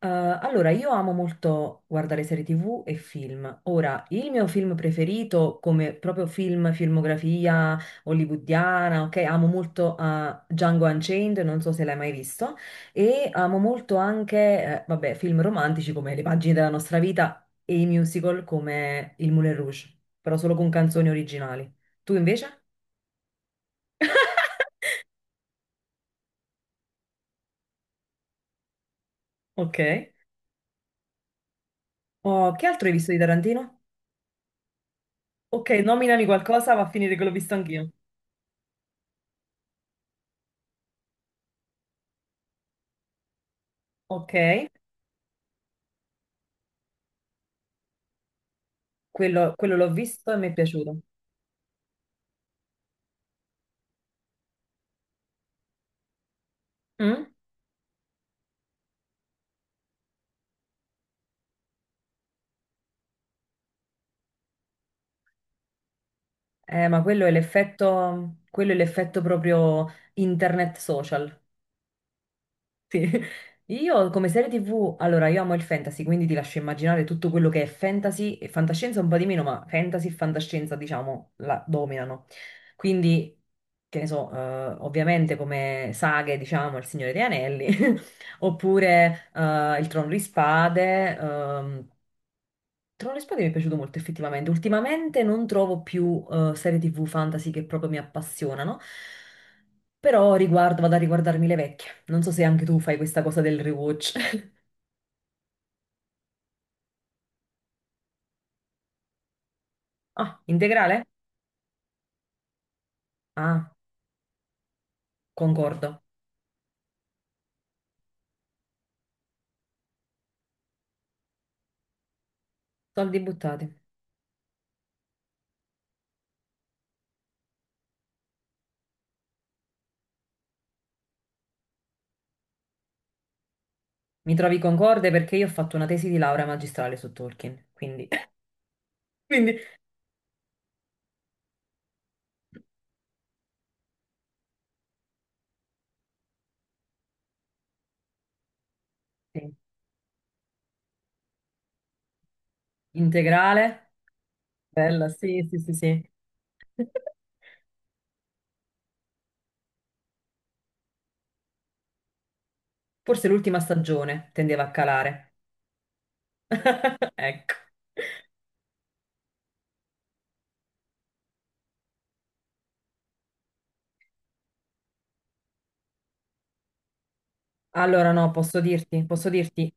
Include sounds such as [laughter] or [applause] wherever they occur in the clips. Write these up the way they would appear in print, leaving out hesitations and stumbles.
Allora, io amo molto guardare serie TV e film. Ora, il mio film preferito, come proprio film, filmografia hollywoodiana, ok? Amo molto Django Unchained, non so se l'hai mai visto, e amo molto anche, vabbè, film romantici come Le pagine della nostra vita e i musical come Il Moulin Rouge, però solo con canzoni originali. Tu invece? Ok. Oh, che altro hai visto di Tarantino? Ok, nominami qualcosa, va a finire che l'ho visto anch'io. Ok. Quello l'ho visto e mi è piaciuto. Mm? Ma quello è l'effetto proprio internet social. [laughs] Sì. Io come serie TV, allora io amo il fantasy, quindi ti lascio immaginare tutto quello che è fantasy e fantascienza un po' di meno, ma fantasy e fantascienza, diciamo, la dominano. Quindi, che ne so, ovviamente come saghe, diciamo, Il Signore degli Anelli. [laughs] Oppure Il Trono di Spade mi è piaciuto molto effettivamente. Ultimamente non trovo più serie TV fantasy che proprio mi appassionano, però riguardo, vado a riguardarmi le vecchie. Non so se anche tu fai questa cosa del rewatch. [laughs] Ah, integrale? Ah, concordo. Soldi buttati. Mi trovi concorde perché io ho fatto una tesi di laurea magistrale su Tolkien, quindi... [laughs] Quindi, sì. Integrale? Bella, sì, sì, sì, sì. [laughs] Forse l'ultima stagione tendeva a calare. [laughs] Ecco. Allora no, posso dirti,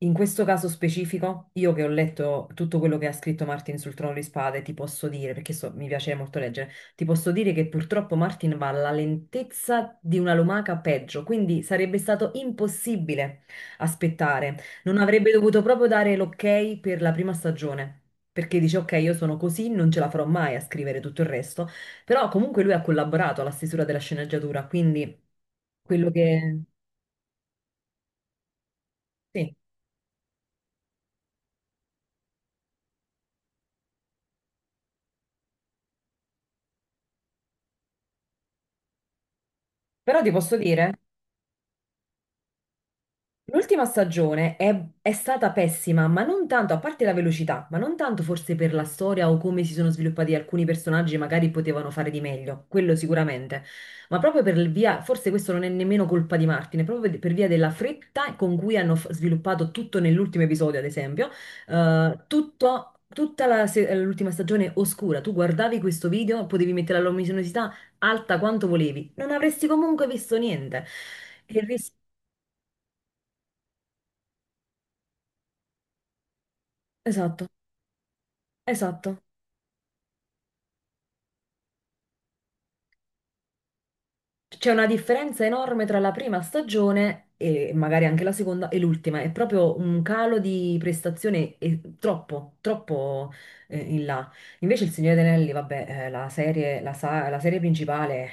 in questo caso specifico, io che ho letto tutto quello che ha scritto Martin sul Trono di Spade, ti posso dire, perché mi piace molto leggere, ti posso dire che purtroppo Martin va alla lentezza di una lumaca peggio, quindi sarebbe stato impossibile aspettare. Non avrebbe dovuto proprio dare l'ok per la prima stagione, perché dice ok, io sono così, non ce la farò mai a scrivere tutto il resto, però comunque lui ha collaborato alla stesura della sceneggiatura, quindi quello che... Sì, però ti posso dire... L'ultima stagione è stata pessima, ma non tanto, a parte la velocità, ma non tanto forse per la storia o come si sono sviluppati alcuni personaggi, magari potevano fare di meglio, quello sicuramente, ma proprio per il via, forse questo non è nemmeno colpa di Martin, è proprio per via della fretta con cui hanno sviluppato tutto nell'ultimo episodio, ad esempio, tutto- Tutta la se- l'ultima stagione oscura, tu guardavi questo video, potevi mettere la luminosità alta quanto volevi, non avresti comunque visto niente. E il rischio... Esatto. Esatto, c'è una differenza enorme tra la prima stagione e magari anche la seconda e l'ultima, è proprio un calo di prestazione troppo, troppo in là. Invece il Signore degli Anelli, vabbè, la serie principale,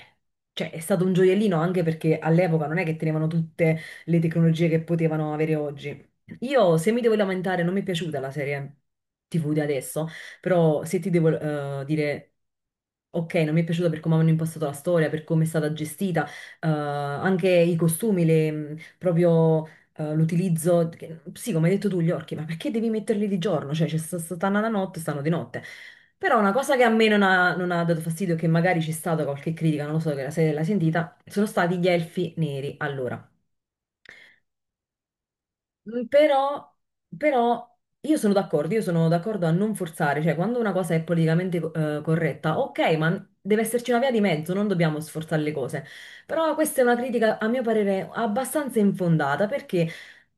cioè è stato un gioiellino anche perché all'epoca non è che tenevano tutte le tecnologie che potevano avere oggi. Io, se mi devo lamentare, non mi è piaciuta la serie TV di adesso. Però se ti devo dire, ok, non mi è piaciuta per come hanno impostato la storia, per come è stata gestita, anche i costumi, proprio l'utilizzo, sì, come hai detto tu, gli orchi, ma perché devi metterli di giorno? Cioè, stanno da notte, stanno di notte. Però una cosa che a me non ha dato fastidio, che magari c'è stata qualche critica, non lo so che se l'hai sentita, sono stati gli elfi neri. Allora. Mm, però io sono d'accordo a non forzare, cioè quando una cosa è politicamente corretta, ok, ma deve esserci una via di mezzo, non dobbiamo sforzare le cose. Però questa è una critica, a mio parere, abbastanza infondata, perché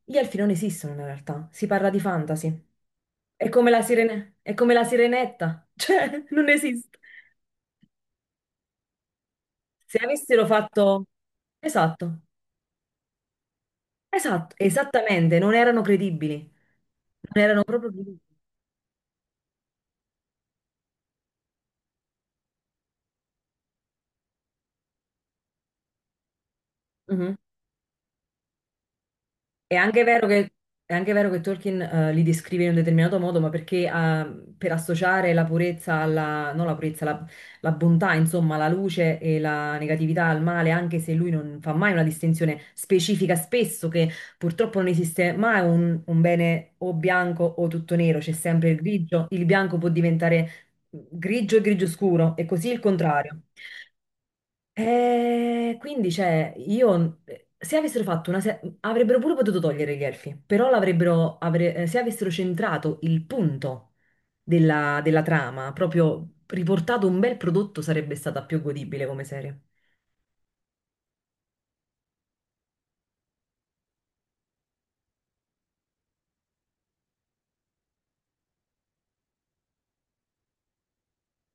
gli elfi non esistono in realtà, si parla di fantasy. È come la sirenetta, [laughs] cioè non esiste. Se avessero fatto... Esatto, esatto, esattamente, non erano credibili, non erano proprio credibili. È anche vero che, è anche vero che Tolkien li descrive in un determinato modo, ma perché per associare la purezza alla, non la purezza, la bontà, insomma, la luce e la negatività al male, anche se lui non fa mai una distinzione specifica, spesso che purtroppo non esiste mai un bene o bianco o tutto nero, c'è sempre il grigio, il bianco può diventare grigio e grigio scuro, e così il contrario. Quindi, cioè, io se avessero fatto una se- avrebbero pure potuto togliere gli elfi, però l'avrebbero se avessero centrato il punto della trama, proprio riportato un bel prodotto, sarebbe stata più godibile come serie.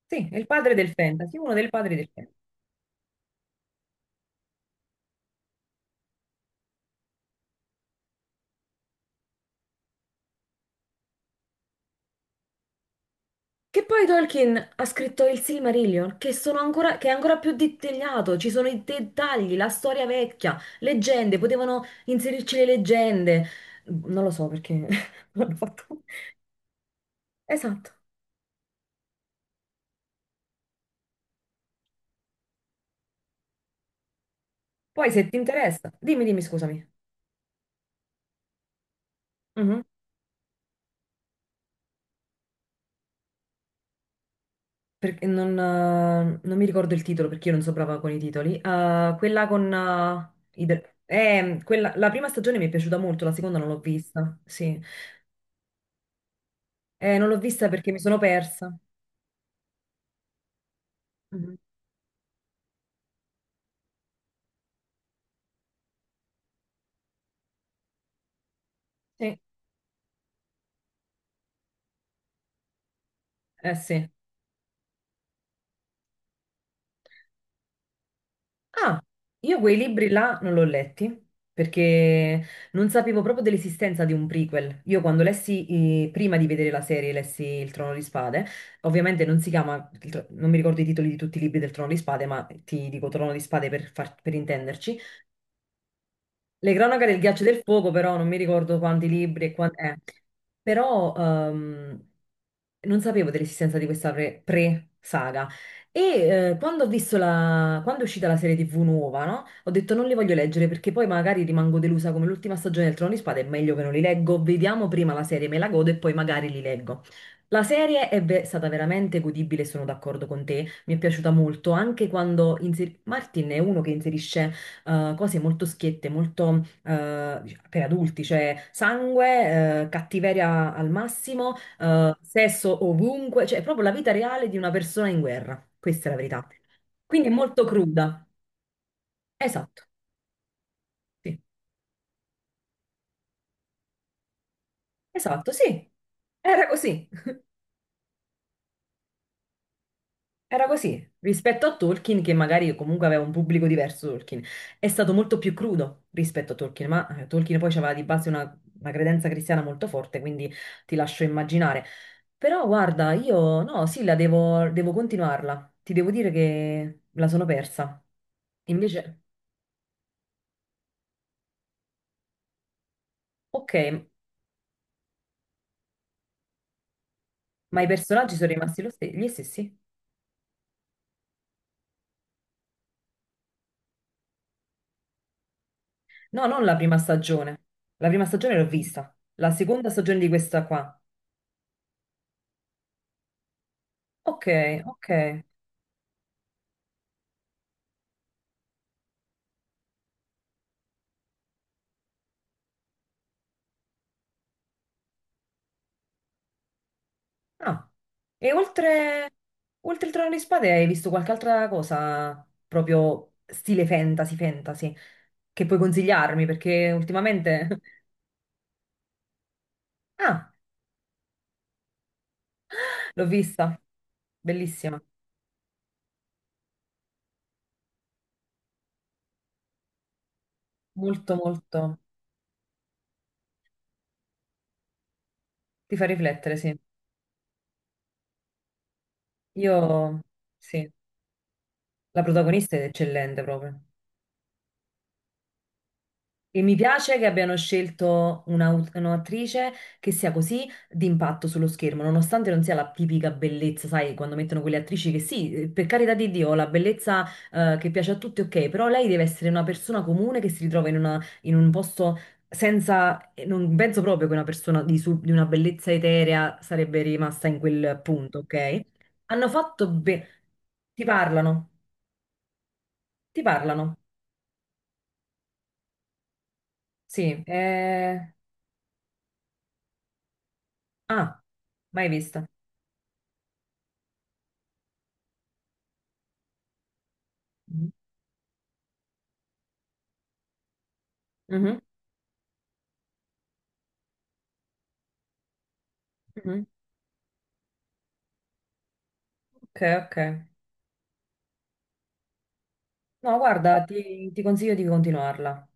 Sì, è il padre del fantasy, uno dei padri del fantasy. Che poi Tolkien ha scritto il Silmarillion, che è ancora più dettagliato, ci sono i dettagli, la storia vecchia, leggende, potevano inserirci le leggende. Non lo so perché [laughs] l'hanno fatto. Esatto. Poi se ti interessa, dimmi, dimmi, scusami. Mhm. Perché non mi ricordo il titolo perché io non so brava con i titoli. Quella con la prima stagione mi è piaciuta molto, la seconda non l'ho vista. Sì. Non l'ho vista perché mi sono persa. Mhm. Sì. Eh sì. Ah, io quei libri là non li ho letti perché non sapevo proprio dell'esistenza di un prequel. Io quando lessi, prima di vedere la serie, lessi Il Trono di Spade, ovviamente non si chiama, non mi ricordo i titoli di tutti i libri del Trono di Spade, ma ti dico Trono di Spade per intenderci. Le cronache del ghiaccio e del fuoco, però non mi ricordo quanti libri e quanti... Però non sapevo dell'esistenza di questa pre-saga. E quando ho visto la... quando è uscita la serie TV nuova, no? Ho detto non li voglio leggere perché poi magari rimango delusa come l'ultima stagione del Trono di Spade, è meglio che non li leggo. Vediamo prima la serie, me la godo e poi magari li leggo. La serie è stata veramente godibile, sono d'accordo con te, mi è piaciuta molto, anche quando Martin è uno che inserisce cose molto schiette, molto per adulti, cioè sangue, cattiveria al massimo, sesso ovunque, cioè è proprio la vita reale di una persona in guerra. Questa è la verità. Quindi è molto cruda. Esatto, sì. Esatto, sì. Era così. Era così, rispetto a Tolkien, che magari comunque aveva un pubblico diverso, Tolkien, è stato molto più crudo rispetto a Tolkien, ma Tolkien poi aveva di base una credenza cristiana molto forte, quindi ti lascio immaginare. Però guarda, io no, sì, la devo continuarla, ti devo dire che la sono persa. Invece, ok, ma i personaggi sono rimasti gli stessi? No, non la prima stagione, la prima stagione l'ho vista, la seconda stagione di questa qua. Ok, ok. Ah, e oltre il Trono di Spade hai visto qualche altra cosa proprio stile fantasy, fantasy, che puoi consigliarmi perché ultimamente... [laughs] Ah, l'ho vista, bellissima, molto molto, ti fa riflettere, sì. Io, sì, la protagonista è eccellente proprio. E mi piace che abbiano scelto un'attrice che sia così d'impatto sullo schermo, nonostante non sia la tipica bellezza, sai, quando mettono quelle attrici che sì, per carità di Dio, la bellezza che piace a tutti, ok, però lei deve essere una persona comune che si ritrova in un posto senza... E non penso proprio che una persona di una bellezza eterea sarebbe rimasta in quel punto, ok? Hanno fatto bene... Ti parlano, ti parlano, sì. Ah, mai vista. Mhm, mhm. Ok, ok. No, guarda, ti consiglio di continuarla.